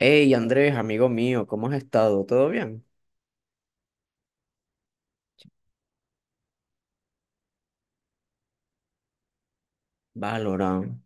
Hey Andrés, amigo mío, ¿cómo has estado? ¿Todo bien? Valorant.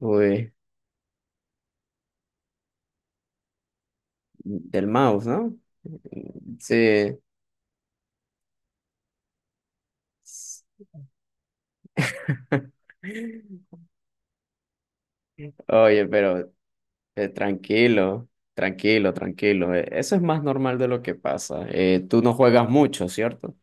Uy, del mouse, ¿no? Sí. Oye, pero tranquilo, tranquilo, tranquilo. Eso es más normal de lo que pasa. Tú no juegas mucho, ¿cierto?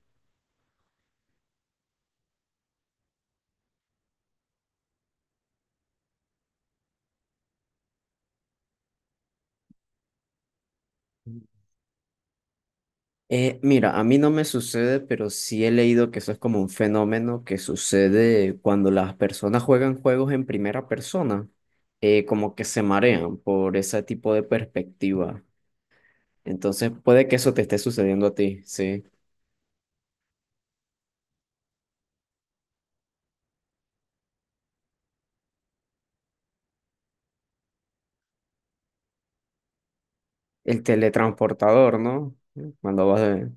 Mira, a mí no me sucede, pero sí he leído que eso es como un fenómeno que sucede cuando las personas juegan juegos en primera persona, como que se marean por ese tipo de perspectiva. Entonces puede que eso te esté sucediendo a ti, sí. El teletransportador, ¿no? Cuando vas de.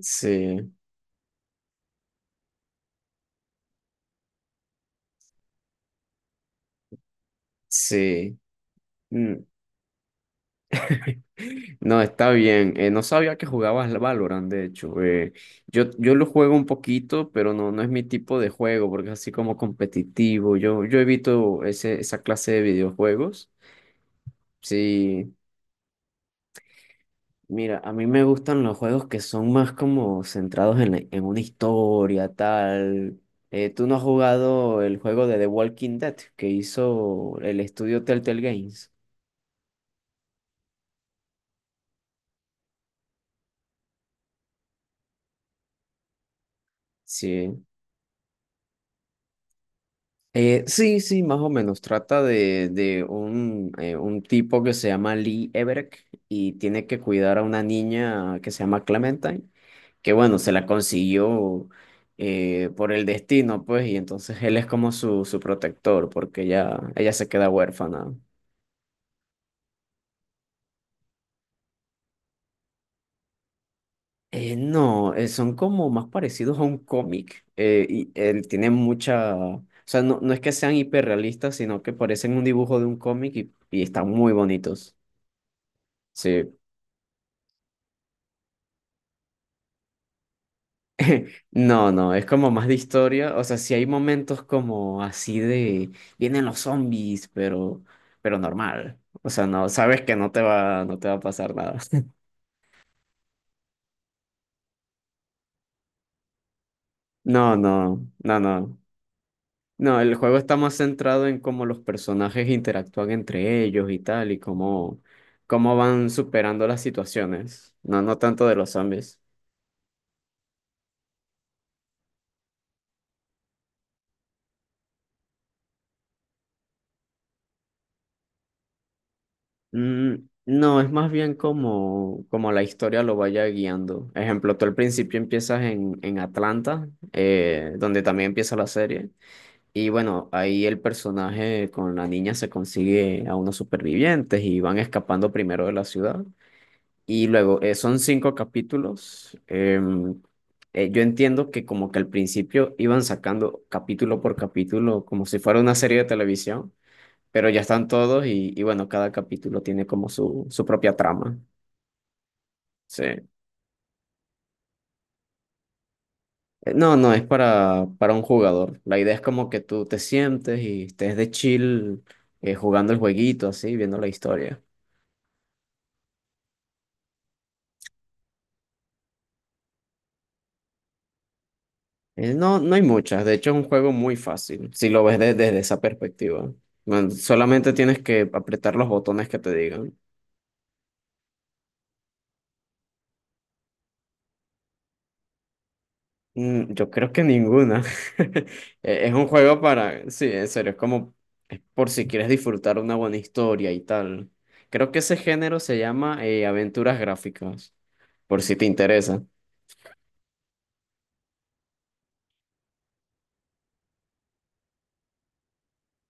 Sí, sí. Mm. No, está bien. No sabía que jugabas al Valorant, de hecho. Yo lo juego un poquito, pero no, no es mi tipo de juego, porque es así como competitivo. Yo evito esa clase de videojuegos. Sí, mira, a mí me gustan los juegos que son más como centrados en una historia, tal. ¿Tú no has jugado el juego de The Walking Dead que hizo el estudio Telltale Games? Sí. Sí, sí, más o menos. Trata de un tipo que se llama Lee Everett y tiene que cuidar a una niña que se llama Clementine. Que bueno, se la consiguió por el destino, pues, y entonces él es como su protector, porque ella se queda huérfana. No, son como más parecidos a un cómic, y él tiene mucha, o sea, no, no es que sean hiperrealistas, sino que parecen un dibujo de un cómic y están muy bonitos, sí. No, no, es como más de historia. O sea, sí hay momentos como así de vienen los zombies, pero normal. O sea, no, sabes que no te va a pasar nada. No, no, no, no. No, el juego está más centrado en cómo los personajes interactúan entre ellos y tal, y cómo van superando las situaciones. No, no tanto de los zombies. Mm, no, es más bien como la historia lo vaya guiando. Ejemplo, tú al principio empiezas en Atlanta, donde también empieza la serie. Y bueno, ahí el personaje con la niña se consigue a unos supervivientes y van escapando primero de la ciudad. Y luego, son cinco capítulos. Yo entiendo que como que al principio iban sacando capítulo por capítulo, como si fuera una serie de televisión, pero ya están todos y bueno, cada capítulo tiene como su propia trama. Sí. No, no, es para un jugador. La idea es como que tú te sientes y estés de chill, jugando el jueguito, así, viendo la historia. No, no hay muchas, de hecho es un juego muy fácil, si lo ves desde esa perspectiva. Bueno, solamente tienes que apretar los botones que te digan. Yo creo que ninguna. Es un juego para, sí, en serio, es por si quieres disfrutar una buena historia y tal. Creo que ese género se llama aventuras gráficas, por si te interesa.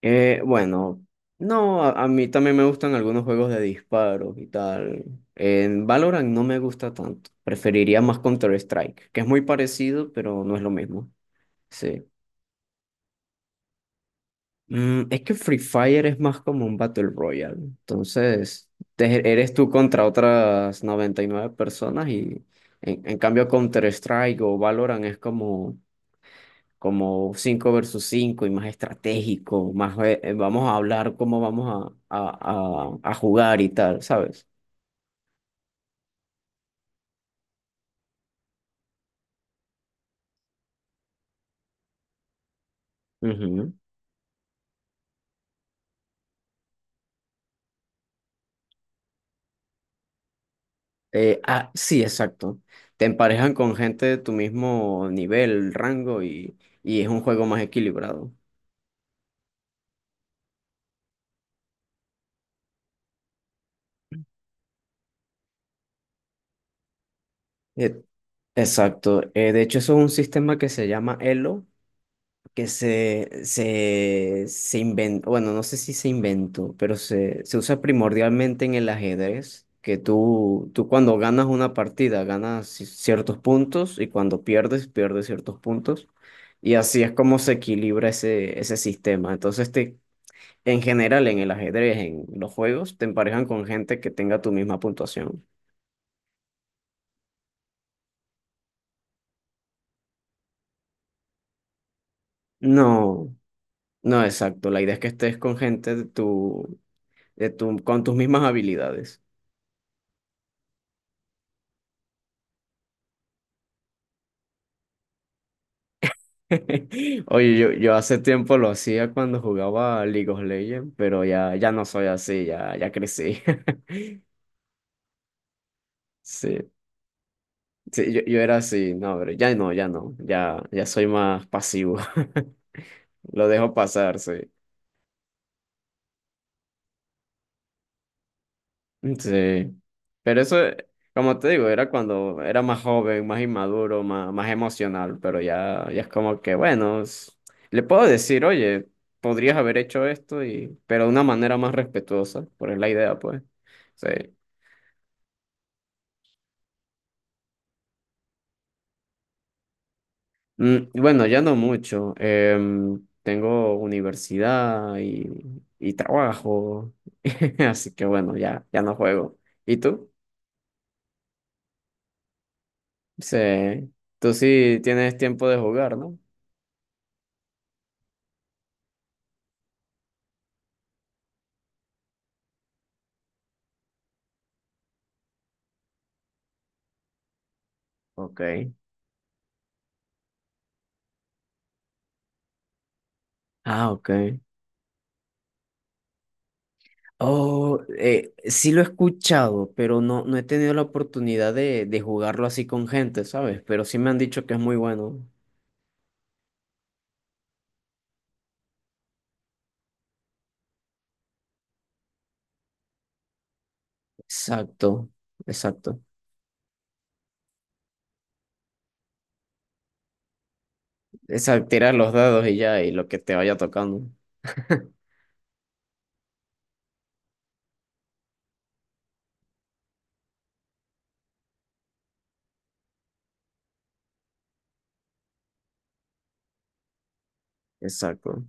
Bueno, no, a mí también me gustan algunos juegos de disparos y tal. En Valorant no me gusta tanto, preferiría más Counter-Strike, que es muy parecido, pero no es lo mismo. Sí. Es que Free Fire es más como un Battle Royale. Entonces, eres tú contra otras 99 personas y en cambio Counter-Strike o Valorant es como, 5 versus 5 y más estratégico, más vamos a hablar cómo vamos a jugar y tal, ¿sabes? Ujú. Sí, exacto. Te emparejan con gente de tu mismo nivel, rango y es un juego más equilibrado. Eh, Exacto. De hecho, eso es un sistema que se llama Elo, que se inventó, bueno, no sé si se inventó, pero se usa primordialmente en el ajedrez, que tú cuando ganas una partida ganas ciertos puntos y cuando pierdes, pierdes ciertos puntos. Y así es como se equilibra ese sistema. Entonces, en general, en el ajedrez, en los juegos, te emparejan con gente que tenga tu misma puntuación. No. No, exacto. La idea es que estés con gente con tus mismas habilidades. Oye, yo hace tiempo lo hacía cuando jugaba a League of Legends, pero ya no soy así, ya crecí. Sí, sí, yo era así, no, pero ya no, ya no, ya, ya soy más pasivo. Lo dejo pasar, sí. Sí, pero eso, como te digo, era cuando era más joven, más inmaduro, más, más emocional, pero ya, ya es como que, bueno, le puedo decir, oye, podrías haber hecho esto, pero de una manera más respetuosa, por es la idea, pues. Sí. Bueno, ya no mucho. Tengo universidad y trabajo, así que bueno, ya, ya no juego. ¿Y tú? Sí, tú sí tienes tiempo de jugar, ¿no? Ok. Ah, ok. Oh, sí lo he escuchado, pero no, no he tenido la oportunidad de jugarlo así con gente, ¿sabes? Pero sí me han dicho que es muy bueno. Exacto, exacto. Exacto, tirar los dados y ya, y lo que te vaya tocando. Exacto.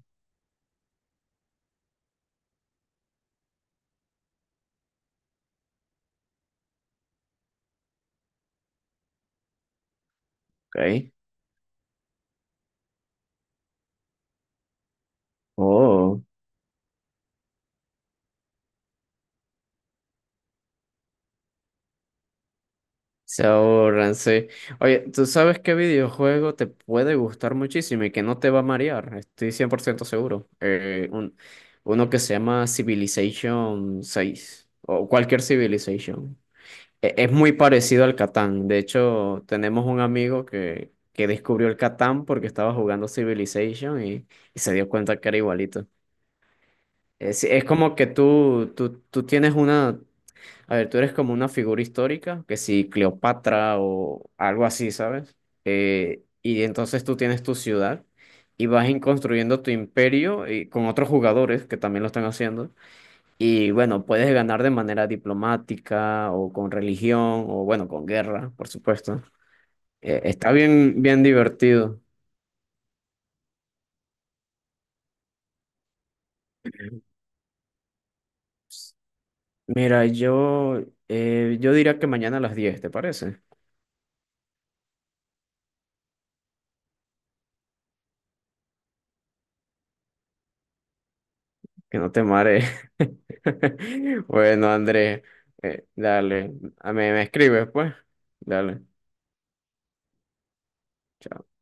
Ok. Oh. Se ahorran, sí. Oye, ¿tú sabes qué videojuego te puede gustar muchísimo y que no te va a marear? Estoy 100% seguro. Uno que se llama Civilization 6 o cualquier Civilization. Es muy parecido al Catán. De hecho, tenemos un amigo que descubrió el Catán porque estaba jugando Civilization y se dio cuenta que era igualito. Es como que tú tienes a ver, tú eres como una figura histórica, que si Cleopatra o algo así, ¿sabes? Y entonces tú tienes tu ciudad y vas construyendo tu imperio y con otros jugadores que también lo están haciendo. Y bueno, puedes ganar de manera diplomática o con religión o bueno, con guerra, por supuesto. Está bien, bien divertido. Mira, yo diría que mañana a las 10, ¿te parece? Que no te mare. Bueno, Andrés, dale. A mí me escribes, pues. Dale. Chao.